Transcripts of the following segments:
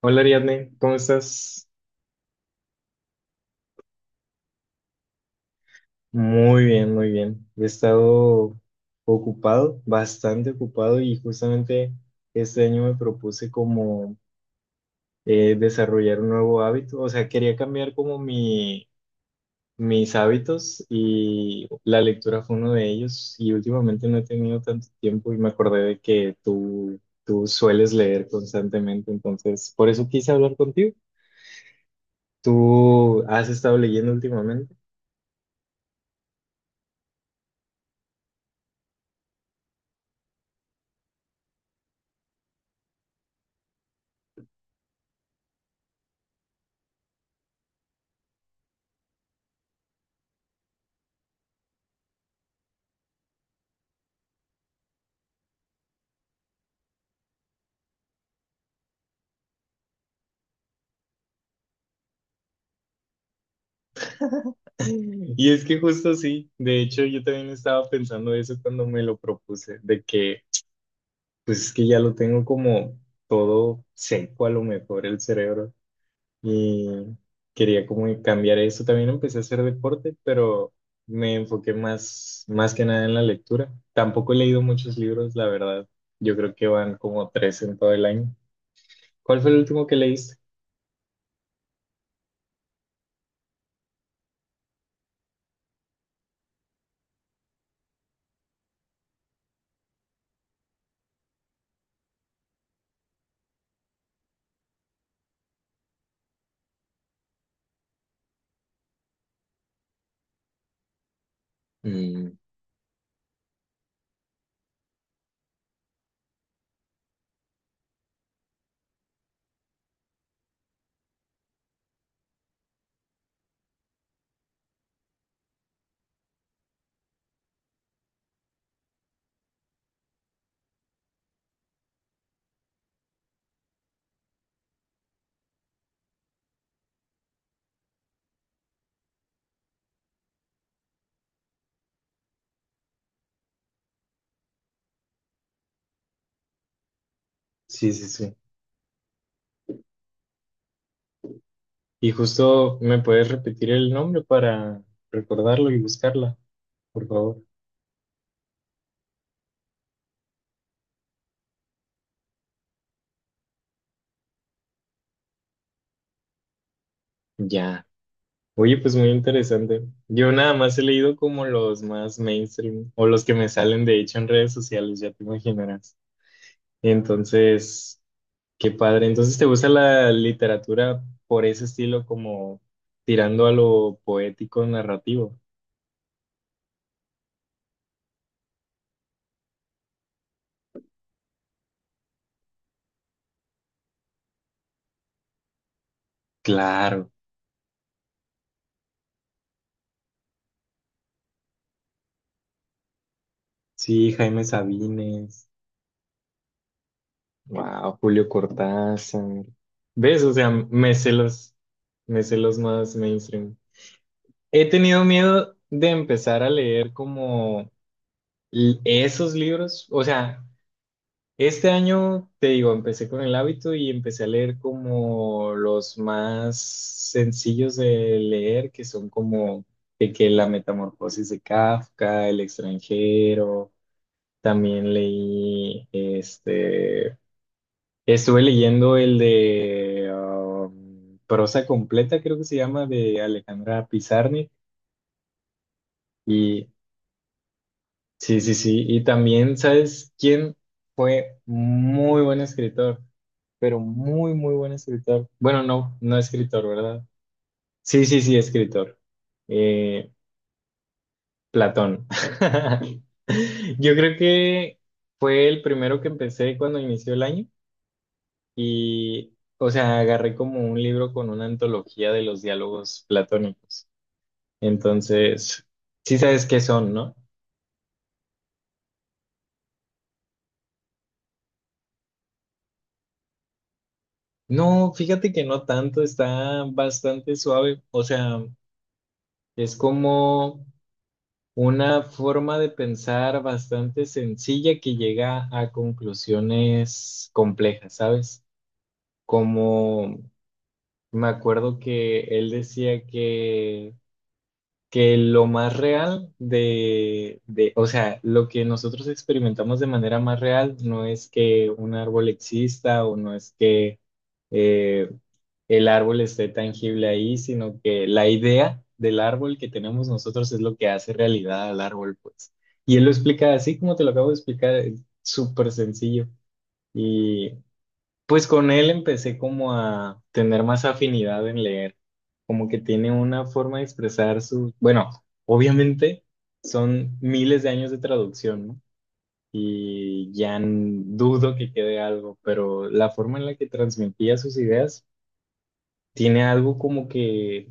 Hola Ariadne, ¿cómo estás? Muy bien, muy bien. He estado ocupado, bastante ocupado y justamente este año me propuse como desarrollar un nuevo hábito. O sea, quería cambiar como mis hábitos y la lectura fue uno de ellos y últimamente no he tenido tanto tiempo y me acordé de que tú sueles leer constantemente, entonces por eso quise hablar contigo. ¿Tú has estado leyendo últimamente? Y es que justo sí, de hecho yo también estaba pensando eso cuando me lo propuse, de que pues es que ya lo tengo como todo seco a lo mejor el cerebro y quería como cambiar eso. También empecé a hacer deporte, pero me enfoqué más que nada en la lectura. Tampoco he leído muchos libros, la verdad. Yo creo que van como tres en todo el año. ¿Cuál fue el último que leíste? Mm, sí, sí. Y justo me puedes repetir el nombre para recordarlo y buscarla, por favor. Ya. Oye, pues muy interesante. Yo nada más he leído como los más mainstream o los que me salen de hecho en redes sociales, ya te imaginarás. Entonces, qué padre. Entonces, ¿te gusta la literatura por ese estilo como tirando a lo poético narrativo? Claro. Sí, Jaime Sabines. Wow, Julio Cortázar. ¿Ves? O sea, me sé los más mainstream. He tenido miedo de empezar a leer como esos libros. O sea, este año, te digo, empecé con el hábito y empecé a leer como los más sencillos de leer, que son como de que La Metamorfosis de Kafka, El extranjero. También leí este. Estuve leyendo el de Prosa Completa, creo que se llama, de Alejandra Pizarnik. Y sí, sí, sí. Y también, ¿sabes quién fue muy buen escritor? Pero muy, muy buen escritor. Bueno, no, no escritor, ¿verdad? Sí, sí, sí, escritor. Eh, Platón. Yo creo que fue el primero que empecé cuando inició el año. Y, o sea, agarré como un libro con una antología de los diálogos platónicos. Entonces, sí sabes qué son, ¿no? No, fíjate que no tanto, está bastante suave. O sea, es como una forma de pensar bastante sencilla que llega a conclusiones complejas, ¿sabes? Como me acuerdo que él decía que lo más real o sea, lo que nosotros experimentamos de manera más real no es que un árbol exista o no es que eh, el árbol esté tangible ahí, sino que la idea del árbol que tenemos nosotros es lo que hace realidad al árbol, pues. Y él lo explica así como te lo acabo de explicar, es súper sencillo. Y pues con él empecé como a tener más afinidad en leer, como que tiene una forma de expresar su, bueno, obviamente son miles de años de traducción, ¿no? Y ya dudo que quede algo, pero la forma en la que transmitía sus ideas tiene algo como que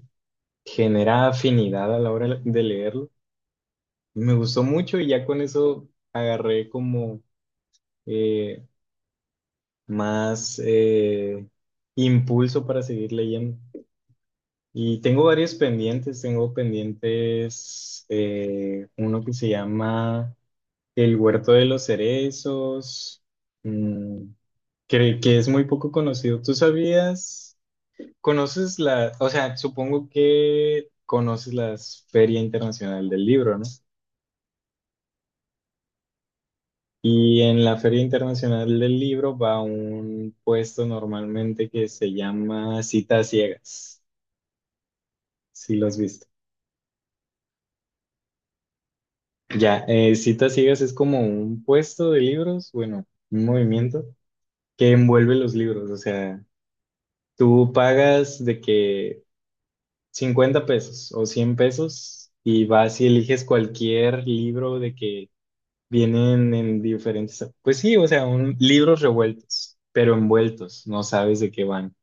genera afinidad a la hora de leerlo. Me gustó mucho y ya con eso agarré como eh, más impulso para seguir leyendo. Y tengo varios pendientes, tengo pendientes uno que se llama El Huerto de los Cerezos, mm, que es muy poco conocido. ¿Tú sabías? ¿Conoces la, o sea, supongo que conoces la Feria Internacional del Libro, ¿no? Y en la Feria Internacional del Libro va un puesto normalmente que se llama Citas Ciegas, si los viste. Ya, citas ciegas es como un puesto de libros, bueno, un movimiento que envuelve los libros, o sea, tú pagas de que 50 pesos o 100 pesos y vas y eliges cualquier libro de que vienen en diferentes, pues sí, o sea, un, libros revueltos, pero envueltos, no sabes de qué van.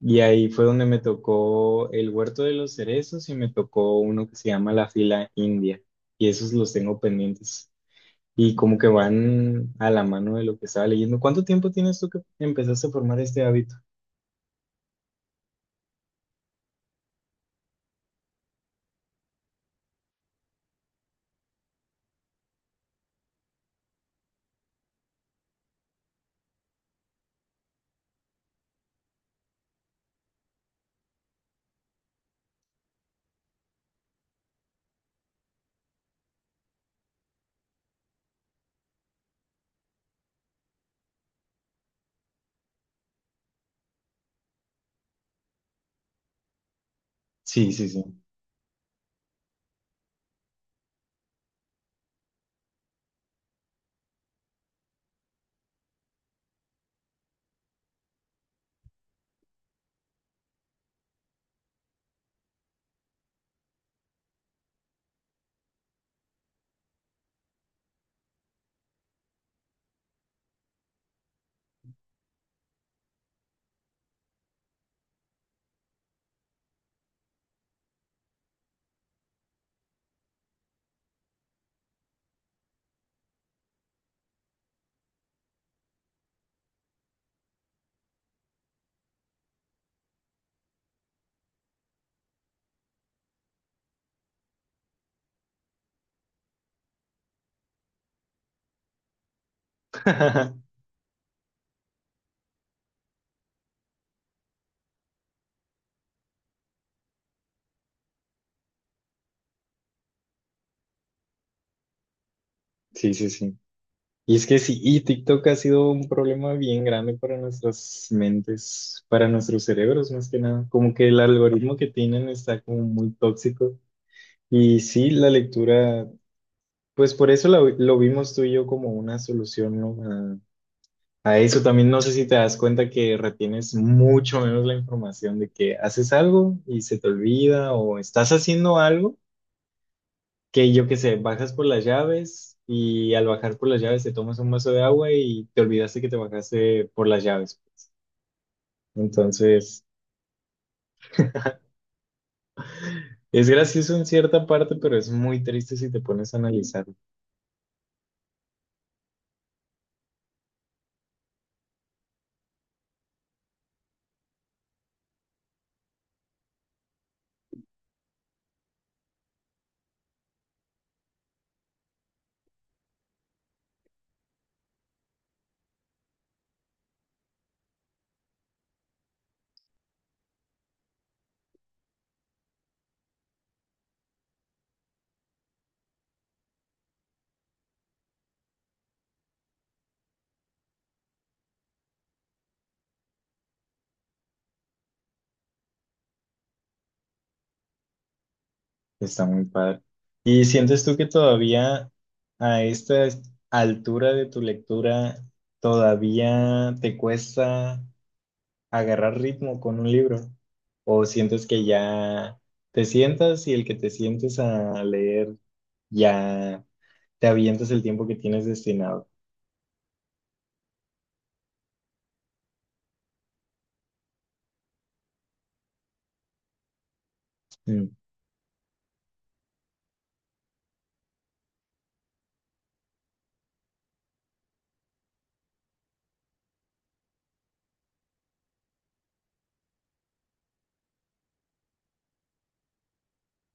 Y ahí fue donde me tocó El Huerto de los Cerezos y me tocó uno que se llama La Fila India, y esos los tengo pendientes. Y como que van a la mano de lo que estaba leyendo. ¿Cuánto tiempo tienes tú que empezaste a formar este hábito? Sí, sí, sí. Sí, sí, sí. Y es que sí, y TikTok ha sido un problema bien grande para nuestras mentes, para nuestros cerebros más que nada. Como que el algoritmo que tienen está como muy tóxico. Y sí, la lectura, pues por eso lo vimos tú y yo como una solución, ¿no? A eso también no sé si te das cuenta que retienes mucho menos la información de que haces algo y se te olvida o estás haciendo algo que yo qué sé, bajas por las llaves y al bajar por las llaves te tomas un vaso de agua y te olvidaste que te bajaste por las llaves, pues. Entonces, es gracioso en cierta parte, pero es muy triste si te pones a analizar. Está muy padre. ¿Y sientes tú que todavía a esta altura de tu lectura todavía te cuesta agarrar ritmo con un libro? ¿O sientes que ya te sientas y el que te sientes a leer ya te avientas el tiempo que tienes destinado? Mm,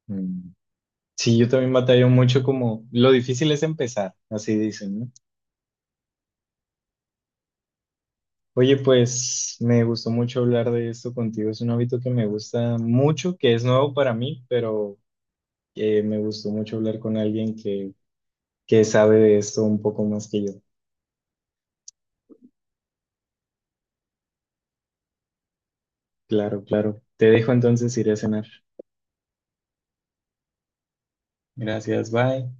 mm. Sí, yo también batallo mucho como lo difícil es empezar, así dicen, ¿no? Oye, pues me gustó mucho hablar de esto contigo. Es un hábito que me gusta mucho, que es nuevo para mí, pero me gustó mucho hablar con alguien que sabe de esto un poco más que yo. Claro, claro. Te dejo entonces, iré a cenar. Gracias, bye.